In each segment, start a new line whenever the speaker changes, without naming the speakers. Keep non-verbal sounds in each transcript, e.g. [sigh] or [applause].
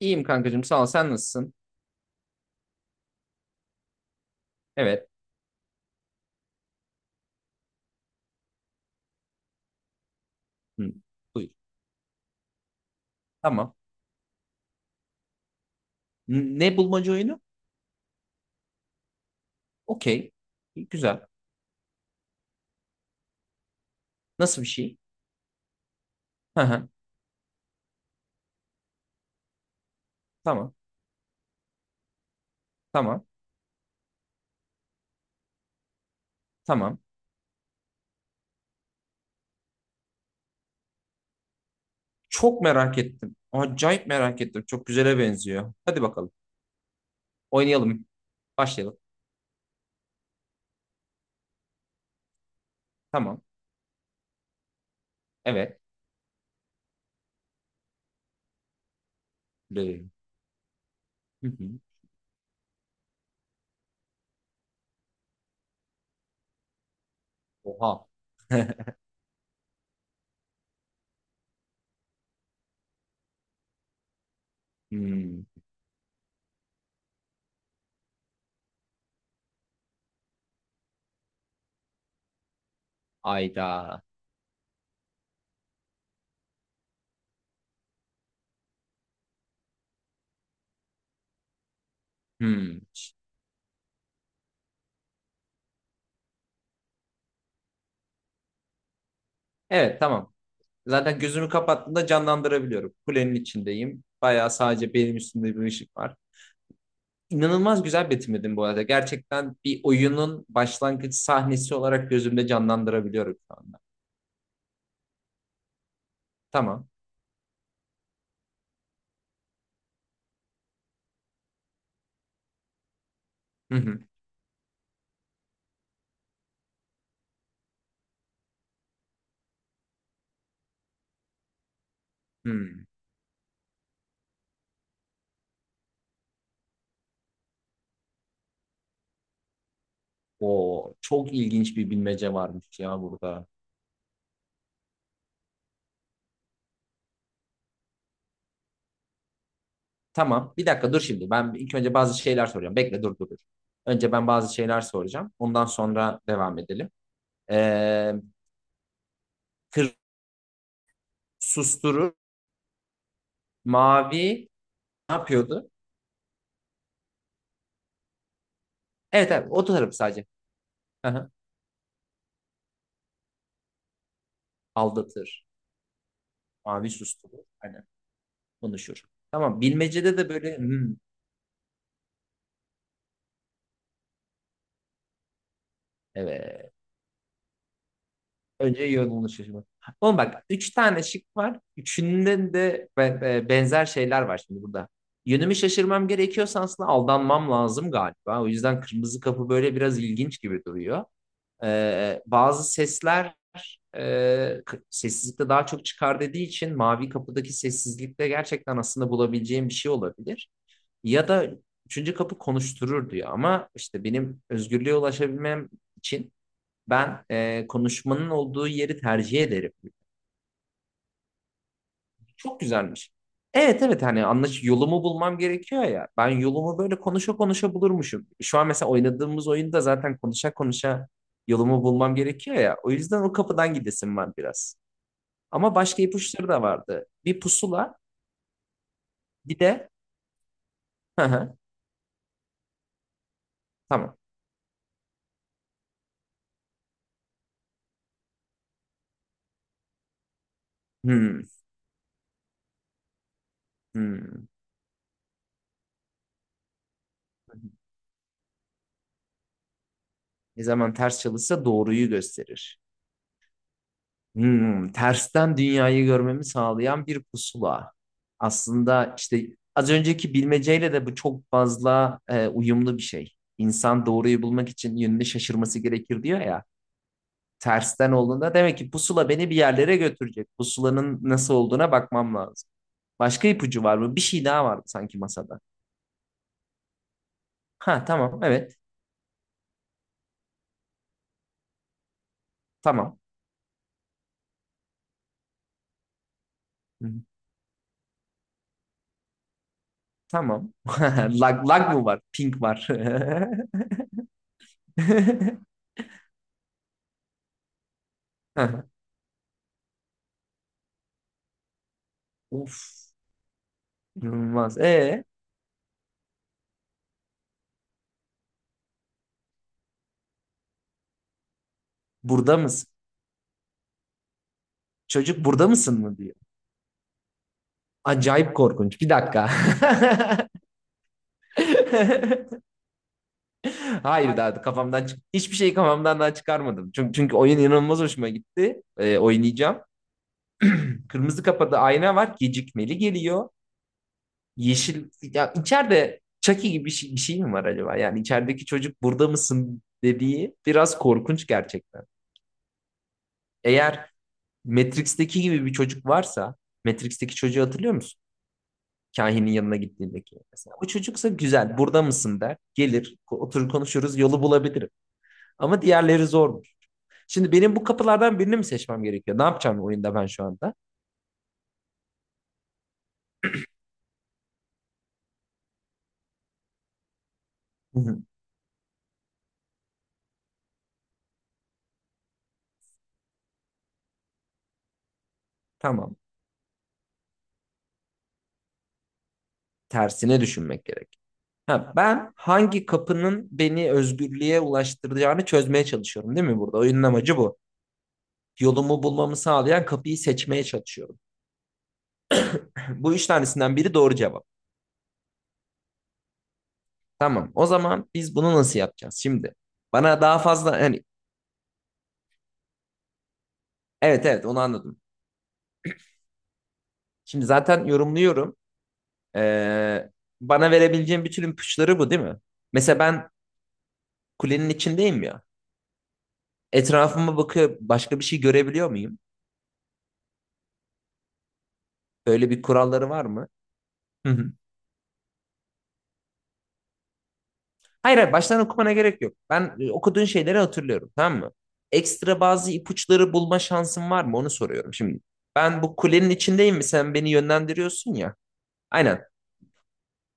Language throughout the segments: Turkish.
İyiyim kankacığım sağ ol. Sen nasılsın? Evet. Hı, buyur. Tamam. Ne bulmaca oyunu? Okey. İyi, güzel. Nasıl bir şey? Hı hı. Tamam. Tamam. Tamam. Çok merak ettim. Acayip merak ettim. Çok güzele benziyor. Hadi bakalım. Oynayalım. Başlayalım. Tamam. Evet. Lı. Hı hı. Oha. [laughs] Hmm. Ayda. Hmm. Evet, tamam. Zaten gözümü kapattığımda canlandırabiliyorum. Kulenin içindeyim. Bayağı sadece benim üstümde bir ışık var. İnanılmaz güzel betimledin bu arada. Gerçekten bir oyunun başlangıç sahnesi olarak gözümde canlandırabiliyorum şu anda. Tamam. Hı hı. Hmm. Oo, çok ilginç bir bilmece varmış ya burada. Tamam. Bir dakika dur şimdi. Ben ilk önce bazı şeyler soracağım. Bekle, dur, dur, dur. Önce ben bazı şeyler soracağım. Ondan sonra devam edelim. Ee, kır susturur. Mavi ne yapıyordu? Evet, evet, o tarafı sadece. Hı hı. Aldatır. Mavi susturur. Aynen. Konuşur. Tamam, bilmecede de böyle. Evet. Önce yolunu şaşırmak. Oğlum bak üç tane şık var. Üçünden de benzer şeyler var şimdi burada. Yönümü şaşırmam gerekiyorsa aslında aldanmam lazım galiba. O yüzden kırmızı kapı böyle biraz ilginç gibi duruyor. Bazı sesler sessizlikte daha çok çıkar dediği için mavi kapıdaki sessizlikte gerçekten aslında bulabileceğim bir şey olabilir. Ya da üçüncü kapı konuşturur diyor ama işte benim özgürlüğe ulaşabilmem için ben konuşmanın olduğu yeri tercih ederim. Çok güzelmiş. Evet, evet, hani anlaş yolumu bulmam gerekiyor ya. Ben yolumu böyle konuşa konuşa bulurmuşum. Şu an mesela oynadığımız oyunda zaten konuşa konuşa yolumu bulmam gerekiyor ya. O yüzden o kapıdan gidesim var biraz. Ama başka ipuçları da vardı. Bir pusula, bir de [laughs] Hı hı, tamam. Hmm, hmm. Ne zaman ters çalışsa doğruyu gösterir. Tersten dünyayı görmemi sağlayan bir pusula. Aslında işte az önceki bilmeceyle de bu çok fazla uyumlu bir şey. İnsan doğruyu bulmak için yönünü şaşırması gerekir diyor ya. Tersten olduğunda demek ki pusula beni bir yerlere götürecek. Pusulanın nasıl olduğuna bakmam lazım. Başka ipucu var mı? Bir şey daha var sanki masada. Ha, tamam, evet, tamam. Hı, tamam. [laughs] Lag mı var? Pink var. [laughs] [laughs] Of. İnanılmaz. E. Burada mısın? Çocuk burada mısın mı diyor. Acayip korkunç. Bir dakika. [laughs] [laughs] Hayır, daha kafamdan çık hiçbir şeyi kafamdan daha çıkarmadım. Çünkü oyun inanılmaz hoşuma gitti. Oynayacağım. Kırmızı kapıda ayna var. Gecikmeli geliyor. Yeşil ya içeride Chucky gibi bir şey mi var acaba? Yani içerideki çocuk burada mısın dediği biraz korkunç gerçekten. Eğer Matrix'teki gibi bir çocuk varsa Matrix'teki çocuğu hatırlıyor musun? Kahinin yanına gittiğindeki. Mesela o çocuksa güzel burada mısın der. Gelir oturur konuşuruz yolu bulabilirim. Ama diğerleri zormuş. Şimdi benim bu kapılardan birini mi seçmem gerekiyor? Ne yapacağım oyunda ben şu anda? [laughs] Tamam. Tersine düşünmek gerek. Ha, ben hangi kapının beni özgürlüğe ulaştıracağını çözmeye çalışıyorum değil mi burada? Oyunun amacı bu. Yolumu bulmamı sağlayan kapıyı seçmeye çalışıyorum. [laughs] Bu üç tanesinden biri doğru cevap. Tamam. O zaman biz bunu nasıl yapacağız şimdi? Bana daha fazla hani evet, evet, onu anladım. Şimdi zaten yorumluyorum. Ee, bana verebileceğim bütün ipuçları bu değil mi? Mesela ben kulenin içindeyim ya. Etrafıma bakıyor başka bir şey görebiliyor muyum? Böyle bir kuralları var mı? Hı hı. Hayır, hayır, baştan okumana gerek yok. Ben okuduğun şeyleri hatırlıyorum, tamam mı? Ekstra bazı ipuçları bulma şansın var mı? Onu soruyorum şimdi. Ben bu kulenin içindeyim mi? Sen beni yönlendiriyorsun ya. Aynen.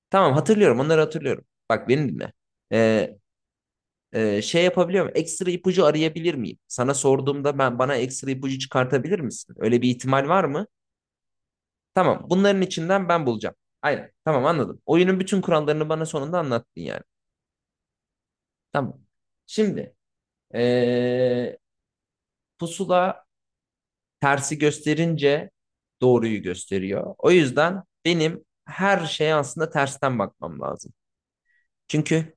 Tamam, hatırlıyorum onları hatırlıyorum. Bak beni dinle. Ee, şey yapabiliyor muyum? Ekstra ipucu arayabilir miyim? Sana sorduğumda ben bana ekstra ipucu çıkartabilir misin? Öyle bir ihtimal var mı? Tamam. Bunların içinden ben bulacağım. Aynen. Tamam, anladım. Oyunun bütün kurallarını bana sonunda anlattın yani. Tamam. Şimdi ee, pusula tersi gösterince doğruyu gösteriyor. O yüzden benim her şeye aslında tersten bakmam lazım. Çünkü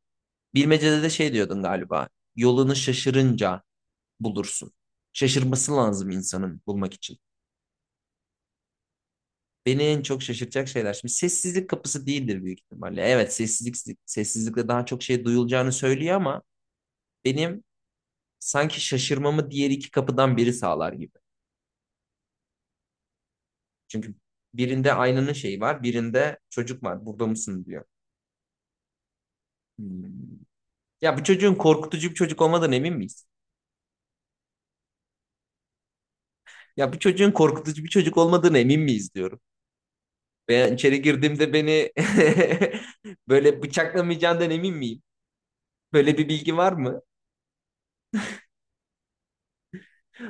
bilmecede de şey diyordun galiba. Yolunu şaşırınca bulursun. Şaşırması lazım insanın bulmak için. Beni en çok şaşırtacak şeyler. Şimdi sessizlik kapısı değildir büyük ihtimalle. Evet, sessizlik sessizlikle daha çok şey duyulacağını söylüyor ama benim sanki şaşırmamı diğer iki kapıdan biri sağlar gibi. Çünkü birinde aynanın şeyi var, birinde çocuk var. Burada mısın diyor. Hmm. Ya bu çocuğun korkutucu bir çocuk olmadığına emin miyiz? Ya bu çocuğun korkutucu bir çocuk olmadığına emin miyiz diyorum. Ben içeri girdiğimde beni [laughs] böyle bıçaklamayacağından emin miyim? Böyle bir bilgi var mı?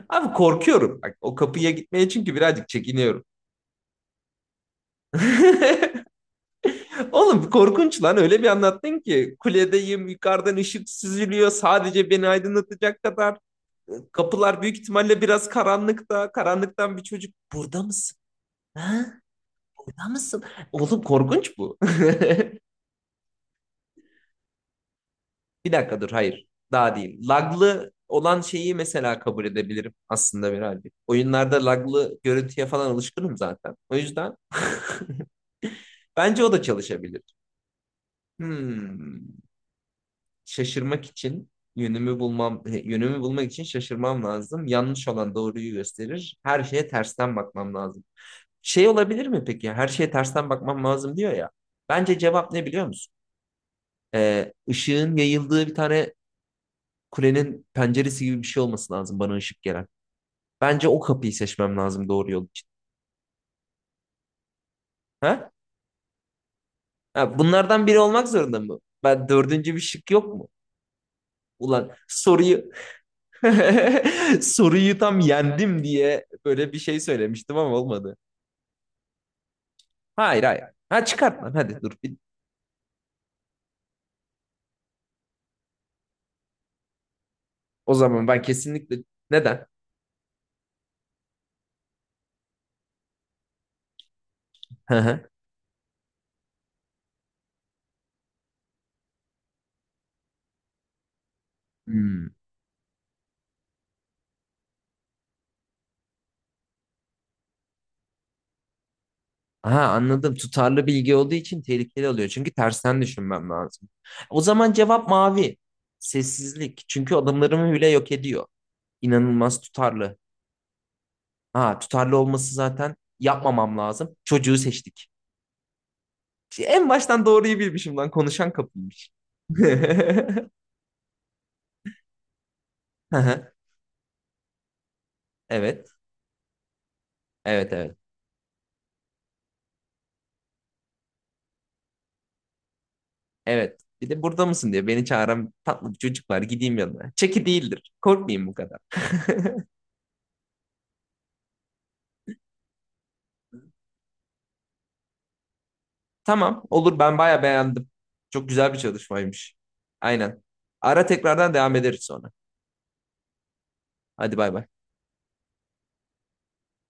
Abi, korkuyorum. Bak, o kapıya gitmeye çünkü birazcık çekiniyorum. [laughs] Oğlum korkunç lan, öyle bir anlattın ki kuledeyim, yukarıdan ışık süzülüyor sadece beni aydınlatacak kadar, kapılar büyük ihtimalle biraz karanlıkta, karanlıktan bir çocuk burada mısın? Ha? Burada mısın? Oğlum korkunç bu. [laughs] Bir dakika dur, hayır daha değil. Laglı olan şeyi mesela kabul edebilirim aslında birazcık. Oyunlarda laglı görüntüye falan alışkınım zaten. O yüzden bence o da çalışabilir. Hmm. Şaşırmak için yönümü bulmak için şaşırmam lazım. Yanlış olan doğruyu gösterir. Her şeye tersten bakmam lazım. Şey olabilir mi peki? Her şeye tersten bakmam lazım diyor ya. Bence cevap ne biliyor musun? Işığın yayıldığı bir tane kulenin penceresi gibi bir şey olması lazım bana ışık gelen. Bence o kapıyı seçmem lazım doğru yol için. Ha? Ha, bunlardan biri olmak zorunda mı? Ben dördüncü bir şık yok mu? Ulan soruyu [laughs] Soruyu tam yendim diye böyle bir şey söylemiştim ama olmadı. Hayır, hayır. Ha, çıkart lan hadi dur. O zaman ben kesinlikle neden? Hı hı. Hmm. Aha, anladım. Tutarlı bilgi olduğu için tehlikeli oluyor. Çünkü tersten düşünmem lazım. O zaman cevap mavi. Sessizlik. Çünkü adımlarımı bile yok ediyor. İnanılmaz tutarlı. Ha, tutarlı olması zaten yapmamam lazım. Çocuğu seçtik. En baştan doğruyu bilmişim lan. Konuşan kapıymış. [laughs] Hı hı. Evet. Evet, evet. Evet. Bir de burada mısın diye beni çağıran tatlı bir çocuk var. Gideyim yanına. Çeki değildir. Korkmayayım bu kadar. [laughs] Tamam. Olur, ben bayağı beğendim. Çok güzel bir çalışmaymış. Aynen. Ara tekrardan devam ederiz sonra. Hadi bay bay.